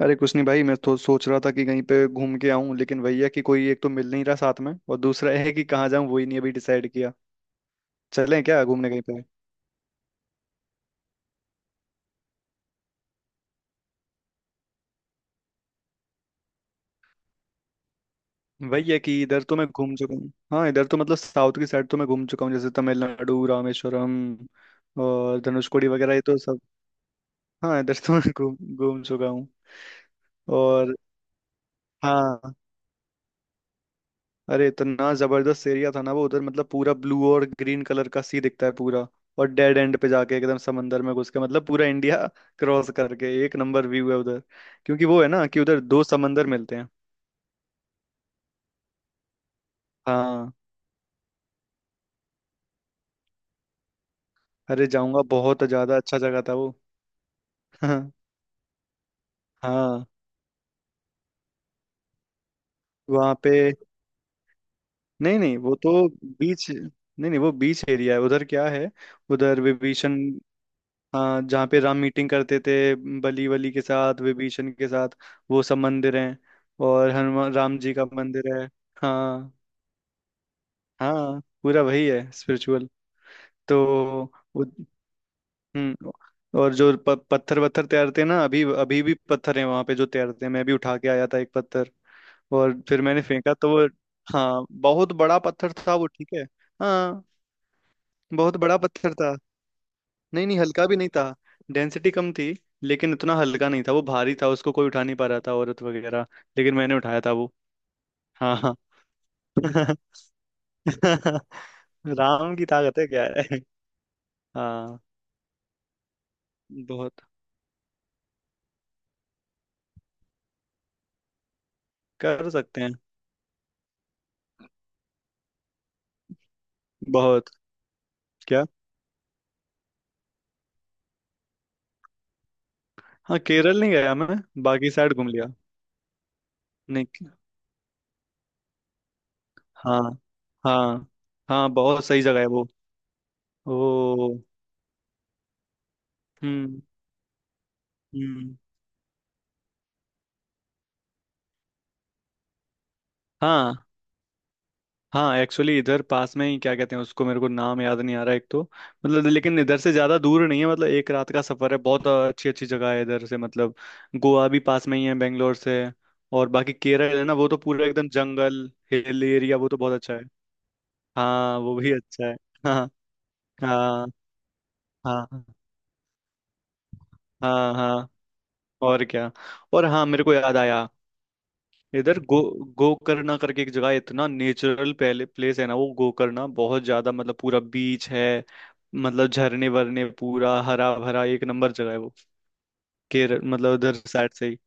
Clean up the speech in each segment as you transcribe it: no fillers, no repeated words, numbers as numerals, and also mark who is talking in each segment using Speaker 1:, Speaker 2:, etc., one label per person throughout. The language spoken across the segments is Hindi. Speaker 1: अरे कुछ नहीं भाई। मैं तो सोच रहा था कि कहीं पे घूम के आऊं, लेकिन वही है कि कोई एक तो मिल नहीं रहा साथ में, और दूसरा है कि कहाँ जाऊं, वही नहीं अभी डिसाइड किया। चलें क्या घूमने कहीं पे? वही है कि इधर तो मैं घूम चुका हूँ। हाँ, इधर तो मतलब साउथ की साइड तो मैं घूम चुका हूँ, जैसे तमिलनाडु, रामेश्वरम और धनुषकोडी वगैरह, ये तो सब। हाँ, इधर तो मैं घूम घूम चुका हूँ। और हाँ, अरे इतना जबरदस्त एरिया था ना वो, उधर मतलब पूरा ब्लू और ग्रीन कलर का सी दिखता है पूरा। और डेड एंड पे जाके एकदम समंदर में घुस के मतलब पूरा इंडिया क्रॉस करके एक नंबर व्यू है उधर, क्योंकि वो है ना कि उधर दो समंदर मिलते हैं। हाँ, अरे जाऊंगा, बहुत ज्यादा अच्छा जगह था वो। हाँ। वहाँ पे, नहीं नहीं, वो तो बीच, नहीं नहीं, वो बीच एरिया है उधर, क्या है? उधर विभीषण। हाँ, जहाँ पे राम मीटिंग करते थे, बली वली के साथ, विभीषण के साथ, वो सब मंदिर हैं, और हनुमान राम जी का मंदिर है। हाँ, हाँ पूरा वही है, स्पिरिचुअल। तो वो। हम्म। और जो पत्थर वत्थर तैरते हैं ना, अभी अभी भी पत्थर हैं वहाँ पे जो तैरते हैं, मैं भी उठा के आया था एक पत्थर। और फिर मैंने फेंका तो वो। हाँ, बहुत बड़ा पत्थर था वो, ठीक है। हाँ बहुत बड़ा पत्थर था। नहीं नहीं, हल्का भी नहीं था, डेंसिटी कम थी, लेकिन उतना हल्का नहीं था, वो भारी था, उसको कोई उठा नहीं पा रहा था, औरत वगैरह, लेकिन मैंने उठाया था वो। हाँ, हाँ। राम की ताकत है, क्या है। हाँ, बहुत। कर सकते हैं, बहुत। क्या? हाँ, केरल नहीं गया मैं, बाकी साइड घूम लिया। नहीं। हाँ हाँ हाँ, बहुत सही जगह है वो। ओ, हम्म, हम्म। हाँ, हाँ एक्चुअली इधर पास में ही क्या कहते हैं उसको, मेरे को नाम याद नहीं आ रहा, एक तो मतलब, लेकिन इधर से ज्यादा दूर नहीं है, मतलब एक रात का सफर है, बहुत अच्छी अच्छी जगह है इधर से मतलब। गोवा भी पास में ही है बेंगलोर से। और बाकी केरल है ना, वो तो पूरा एकदम जंगल, हिल एरिया, वो तो बहुत अच्छा है। हाँ, वो भी अच्छा है। हाँ हाँ हाँ हाँ हाँ हाँ, और क्या। और हाँ, मेरे को याद आया। इधर गो गोकर्णा करके एक जगह है, इतना नेचुरल पहले प्लेस है ना वो, गोकर्णा, बहुत ज्यादा मतलब पूरा बीच है। मतलब झरने वरने, पूरा हरा भरा, एक नंबर जगह है वो। केरल मतलब उधर साइड से ही।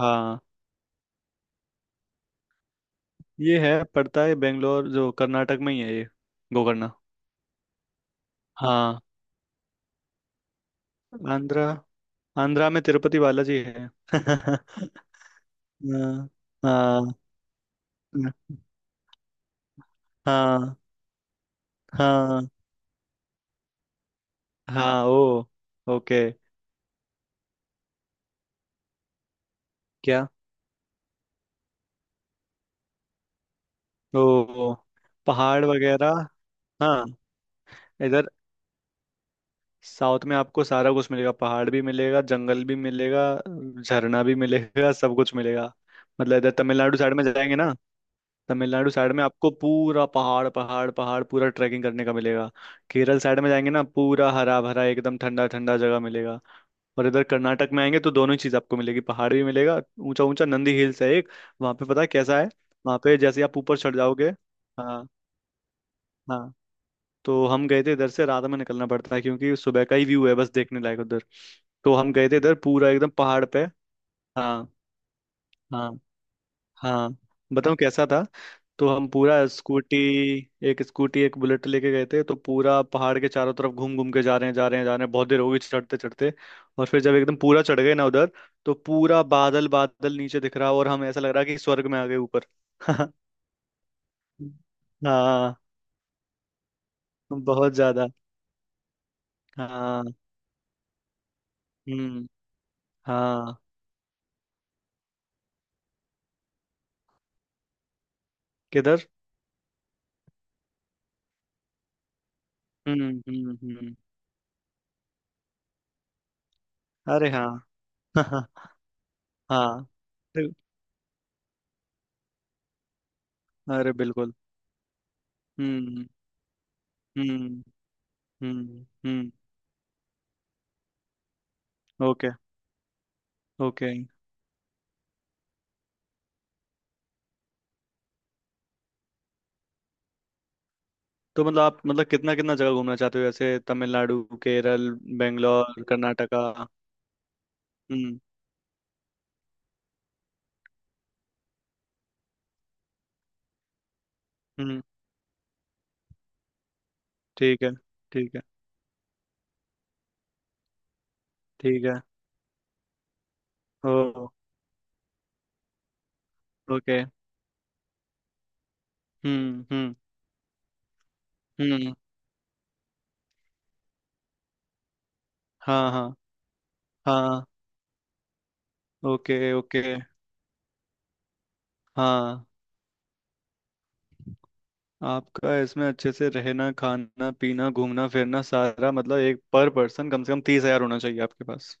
Speaker 1: हाँ, ये है, पड़ता है बेंगलोर, जो कर्नाटक में ही है ये, गोकर्णा। हाँ। आंध्रा, आंध्रा में तिरुपति बालाजी है हाँ, हाँ हाँ हाँ हाँ। ओ, ओके। क्या? ओ, पहाड़ वगैरह। हाँ, इधर साउथ में आपको सारा कुछ मिलेगा, पहाड़ भी मिलेगा, जंगल भी मिलेगा, झरना भी मिलेगा सब कुछ मिलेगा। मतलब इधर तमिलनाडु साइड में जाएंगे ना, तमिलनाडु साइड में आपको पूरा पहाड़ पहाड़ पहाड़ पूरा ट्रैकिंग करने का मिलेगा। केरल साइड में जाएंगे ना, पूरा हरा भरा एकदम ठंडा ठंडा जगह मिलेगा। और इधर कर्नाटक में आएंगे तो दोनों ही चीज़ आपको मिलेगी, पहाड़ भी मिलेगा, ऊंचा ऊंचा नंदी हिल्स है एक। वहाँ पे पता है कैसा है? वहाँ पे जैसे आप ऊपर चढ़ जाओगे। हाँ, हाँ, तो हम गए थे, इधर से रात में निकलना पड़ता है क्योंकि सुबह का ही व्यू है बस देखने लायक उधर। तो हम गए थे इधर पूरा एकदम पहाड़ पे। हाँ, हाँ। हाँ बताऊँ कैसा था। तो हम पूरा स्कूटी, एक स्कूटी एक बुलेट लेके गए थे, तो पूरा पहाड़ के चारों तरफ घूम घूम के जा रहे हैं जा रहे हैं जा रहे हैं, बहुत देर हो गई चढ़ते चढ़ते। और फिर जब एकदम पूरा चढ़ गए ना उधर, तो पूरा बादल बादल नीचे दिख रहा, और हम, ऐसा लग रहा कि स्वर्ग में आ गए ऊपर। हाँ, बहुत ज्यादा। हाँ, हम्म, हाँ। किधर, हम्म। अरे हाँ। हाँ, हाँ अरे। अरे बिल्कुल। हम्म हम्म, हम्म। ओके, ओके, तो मतलब आप मतलब कितना कितना जगह घूमना चाहते हो, जैसे तमिलनाडु, केरल? बेंगलोर, कर्नाटका, हम्म, हम्म। ठीक है, ठीक है, ठीक है। ओ, ओके। हम्म हम्म हम्म। हाँ हाँ हाँ। ओके, ओके, हाँ आपका इसमें अच्छे से रहना, खाना पीना, घूमना फिरना, सारा मतलब, एक पर पर्सन कम से कम 30,000 होना चाहिए आपके पास।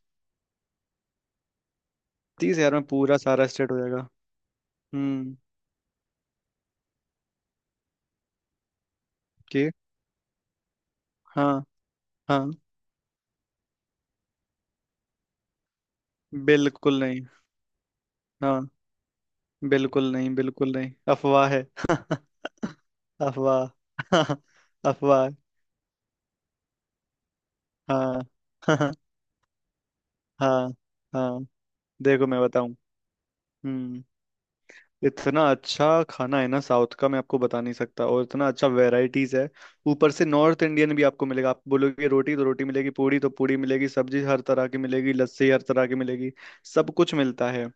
Speaker 1: 30,000 में पूरा सारा स्टेट हो जाएगा। हम्म कि, हाँ, हाँ, बिल्कुल नहीं। हाँ, बिल्कुल नहीं, बिल्कुल नहीं, अफवाह है। अफवाह। अफवाह। हाँ। हाँ, हाँ। देखो मैं बताऊं, हम्म, इतना अच्छा खाना है ना साउथ का, मैं आपको बता नहीं सकता, और इतना अच्छा वेराइटीज है। ऊपर से नॉर्थ इंडियन भी आपको मिलेगा, आप बोलोगे रोटी तो रोटी मिलेगी, पूड़ी तो पूड़ी मिलेगी, सब्जी हर तरह की मिलेगी, लस्सी हर तरह की मिलेगी, सब कुछ मिलता है।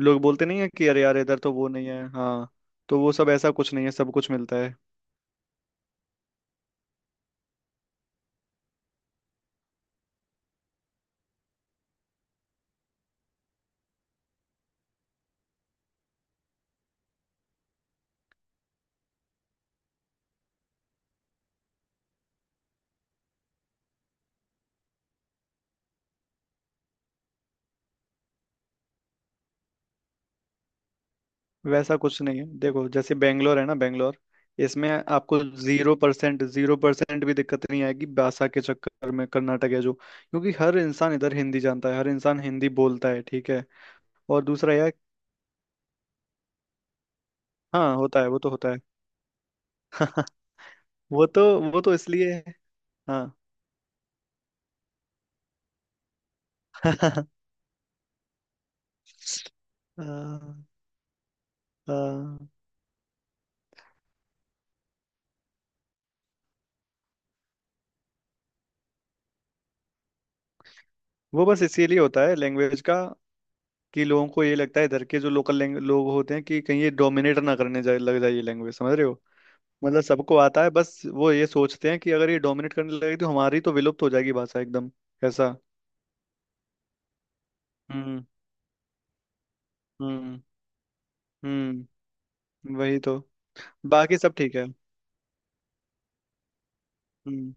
Speaker 1: लोग बोलते नहीं है कि अरे यार इधर तो वो नहीं है, हाँ, तो वो सब ऐसा कुछ नहीं है, सब कुछ मिलता है। वैसा कुछ नहीं है, देखो, जैसे बेंगलोर है ना, बेंगलोर, इसमें आपको 0% 0% भी दिक्कत नहीं आएगी भाषा के चक्कर में। कर्नाटक है जो, क्योंकि हर इंसान इधर हिंदी जानता है, हर इंसान हिंदी बोलता है। ठीक है, और दूसरा यह, हाँ होता है, वो तो होता है। वो तो, वो तो इसलिए है। हाँ। हाँ, हाँ। वो बस इसीलिए होता है लैंग्वेज का, कि लोगों को ये लगता है, इधर के जो लोकल लोग होते हैं, कि कहीं ये डोमिनेट ना करने जाए, लग जाए ये लैंग्वेज, समझ रहे हो? मतलब सबको आता है, बस वो ये सोचते हैं कि अगर ये डोमिनेट करने लगेगी तो हमारी तो विलुप्त हो जाएगी भाषा एकदम, ऐसा। हम्म हम्म हम्म। वही तो, बाकी सब ठीक है। हम्म।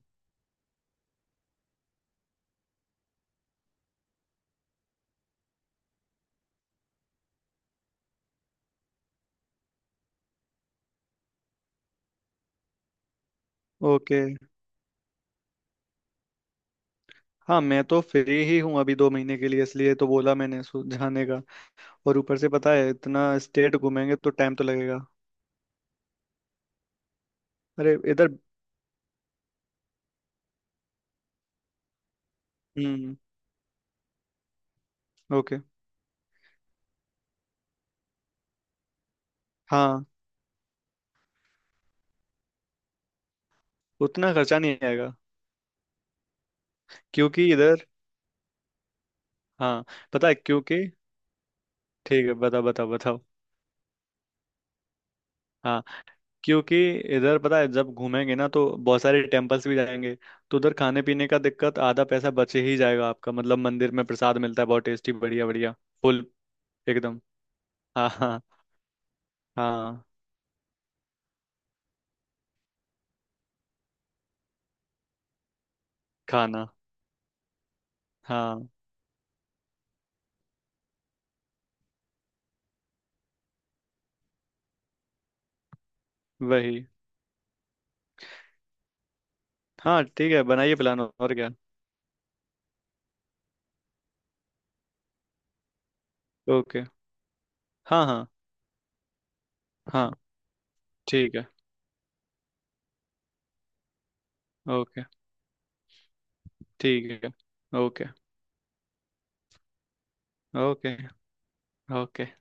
Speaker 1: ओके, हाँ मैं तो फ्री ही हूँ अभी 2 महीने के लिए, इसलिए तो बोला मैंने जाने का। और ऊपर से पता है, इतना स्टेट घूमेंगे तो टाइम तो लगेगा। अरे इधर, हम्म, ओके, हाँ उतना खर्चा नहीं आएगा, क्योंकि इधर, हाँ पता है, क्योंकि, ठीक है, बताओ बताओ बताओ। हाँ, क्योंकि इधर पता है, जब घूमेंगे ना तो बहुत सारे टेम्पल्स भी जाएंगे, तो उधर खाने पीने का दिक्कत, आधा पैसा बचे ही जाएगा आपका, मतलब मंदिर में प्रसाद मिलता है, बहुत टेस्टी, बढ़िया बढ़िया, फुल एकदम। हाँ हाँ हाँ। खाना, हाँ, वही, हाँ ठीक है, बनाइए प्लान, और क्या। ओके। हाँ हाँ हाँ। ठीक है, ओके, ठीक है, ओके, ओके, ओके।